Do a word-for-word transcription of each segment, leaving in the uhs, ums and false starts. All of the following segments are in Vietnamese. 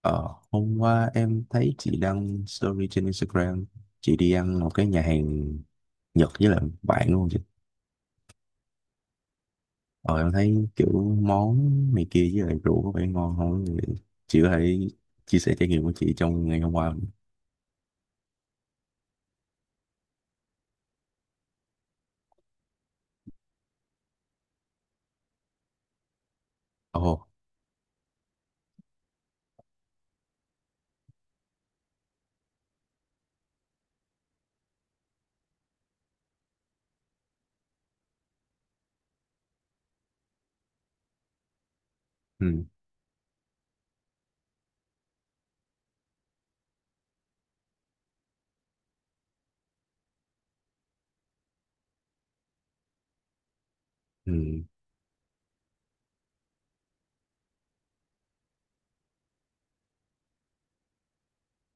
Ờ, hôm qua em thấy chị đăng story trên Instagram, chị đi ăn một cái nhà hàng Nhật với lại bạn luôn chị. ờ em thấy kiểu món này kia với lại rượu có vẻ ngon không? Thì chị có thể chia sẻ trải nghiệm của chị trong ngày hôm qua không? Ồ. Ừ. Ừ.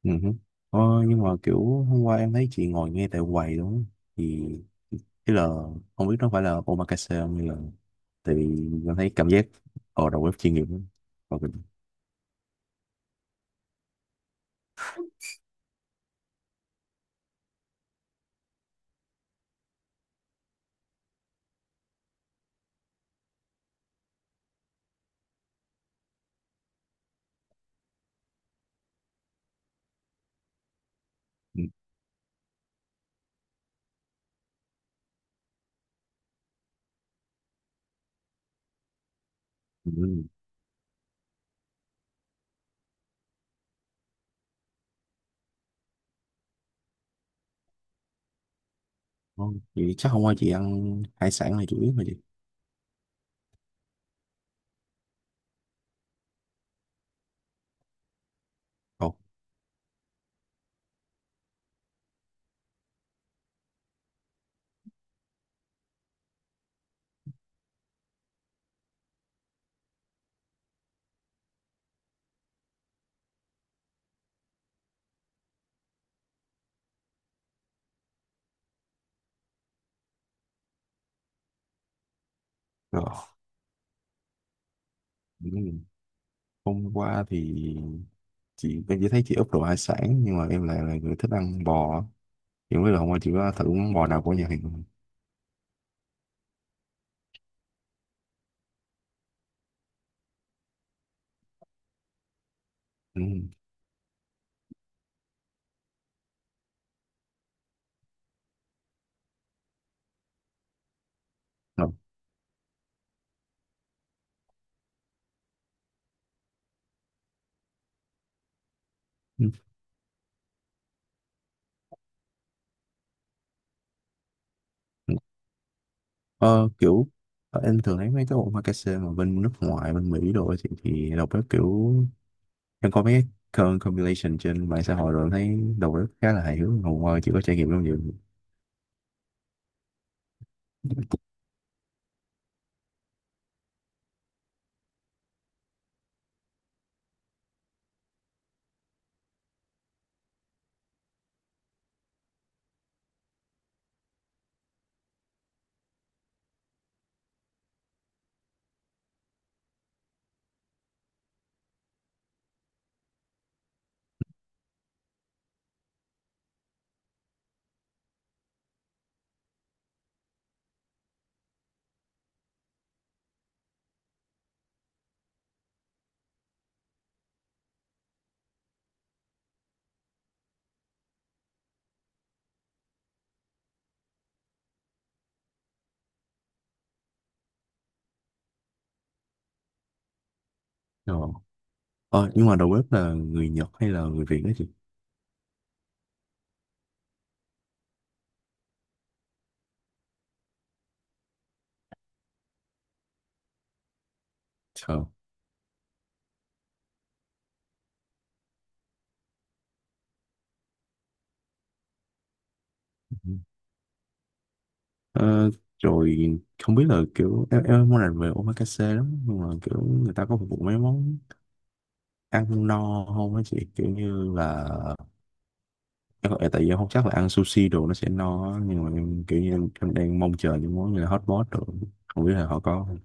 Ừ hứ. ờ, nhưng mà kiểu hôm qua em thấy chị ngồi ngay tại quầy đúng không, thì tức là không biết nó phải là omakase không hay là, tại vì em thấy cảm giác ở đầu bếp chuyên nghiệp lắm. Ờ, ừ. Ừ. Ừ. Không, chị chắc hôm qua chị ăn hải sản là chủ yếu mà chị. Ồ. Rồi. Ừm, hôm qua thì chị em chỉ thấy chị úp đồ hải sản nhưng mà em lại là người thích ăn bò, thì không biết là hôm qua chị có thử món bò nào của nhà hàng không? Ừm. Rồi. Ừm, ờ, kiểu ờ, em thường thấy mấy cái omakase mà bên nước ngoài bên Mỹ đồ ấy thì, thì đầu bếp kiểu, em có mấy cái con- compilation trên mạng xã hội, rồi em thấy đầu bếp khá là hài hước, hôm qua chị có trải nghiệm không vậy? Ờ. Ờ, nhưng mà đầu bếp là người Nhật hay là người Việt đó chị? Ờ. Ờ, Rồi, không biết là kiểu em, em món này về omakase lắm nhưng mà kiểu người ta có phục vụ mấy món ăn no không á chị, kiểu như là em, em- tại vì em không chắc là ăn sushi đồ nó sẽ no á, nhưng mà em kiểu như em, em đang mong chờ những món như là hot pot đồ, không biết là họ có không.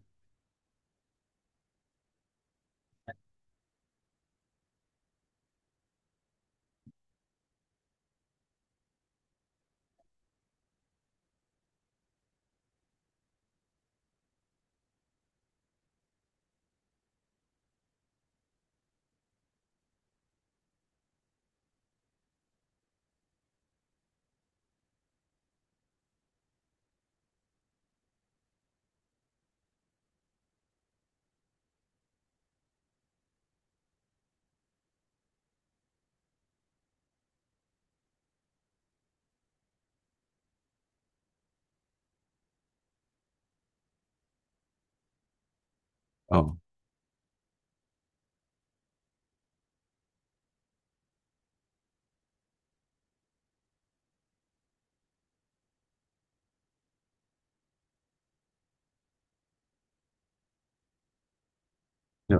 Ờ. Dạ.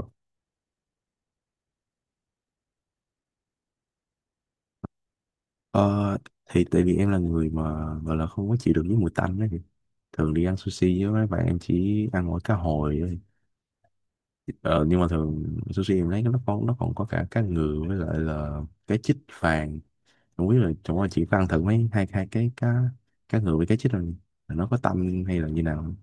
Ờ, thì tại vì em là người mà gọi là không có chịu được với mùi tanh đó, thì thường đi ăn sushi với mấy bạn em chỉ ăn mỗi cá hồi. Ờ, nhưng mà thường sushi em thấy nó còn nó còn có cả cá ngừ với lại là cá chích vàng, không biết là chỗ anh chị có ăn thử mấy hai hai cái cá cá ngừ với cá chích rồi, là nó có tanh hay là như nào không?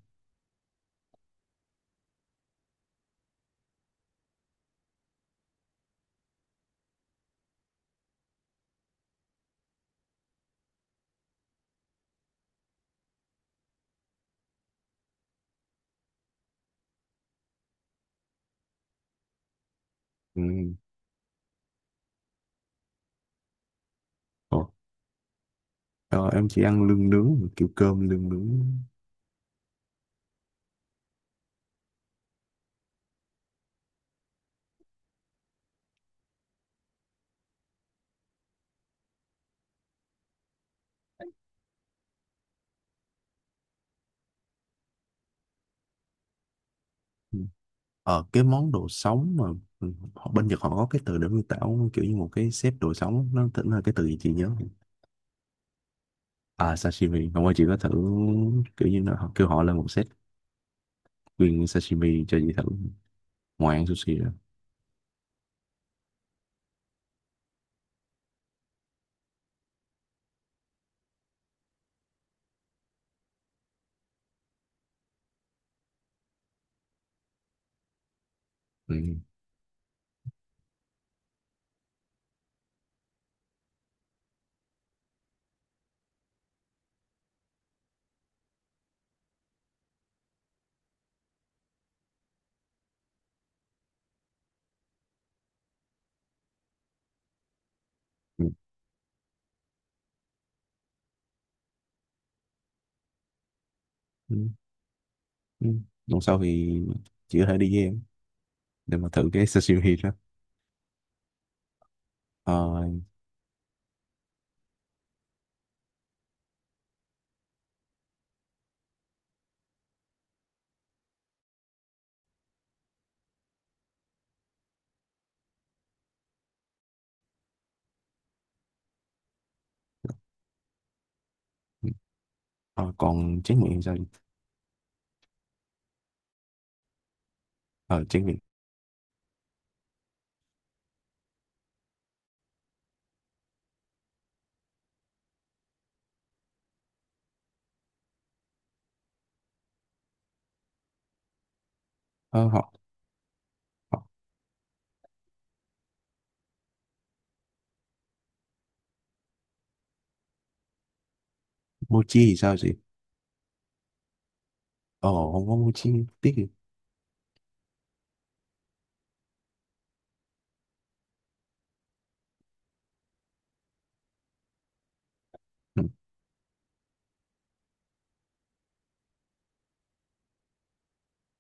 Ừ. Ồ, ờ, em chỉ ăn lương nướng kiểu cơm lương nướng. Ừ. Ờ, cái món đồ sống mà, ừ, họ- bên Nhật họ có cái từ để miêu tả kiểu như một cái xếp đồ sống, nó tính là cái từ gì chị nhớ không? À sashimi không, qua chị có thử kiểu như nó, họ kêu họ lên một set nguyên sashimi cho chị thử ngoài ăn sushi. ừ, ừ, ừ, ừ. Lần sau thì chị có thể đi với em để mà thử cái sashimi đó. Ờ, ừ. Ờ, còn tráng miệng thì sao chị? Ờ tráng miệng. Ờ, họ, họ Mochi thì sao chị? Ờ không có mochi, tiếc gì. ừ,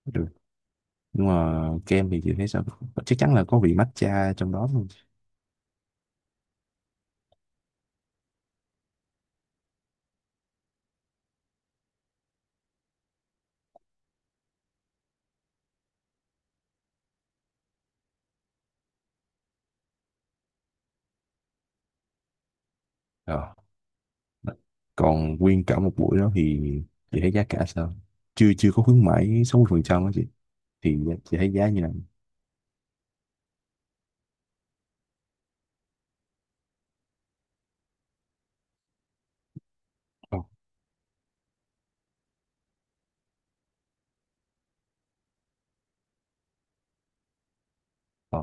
Được, nhưng mà kem thì chị thấy sao? Ờ, chắc chắn là có vị matcha trong đó luôn. Ờ. Còn nguyên cả một buổi đó thì chị thấy giá cả sao, chưa chưa có khuyến mãi sáu mươi phần trăm đó chị, thì chị thấy giá như là? ờ ờ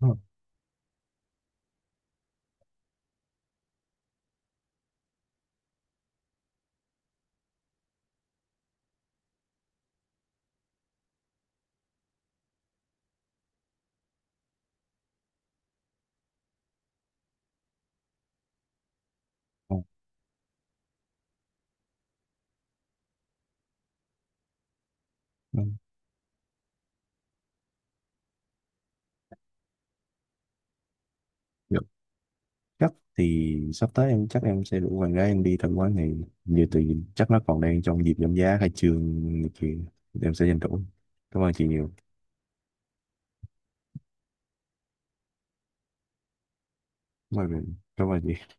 ờ, ờ, ờ. Dạ. Chắc thì sắp tới em chắc em sẽ rủ bạn gái em đi tham quan này, như tự nhiên chắc nó còn đang trong dịp giảm giá khai trương này kia, em sẽ tranh thủ. Cảm ơn chị nhiều. Cảm ơn cảm ơn chị.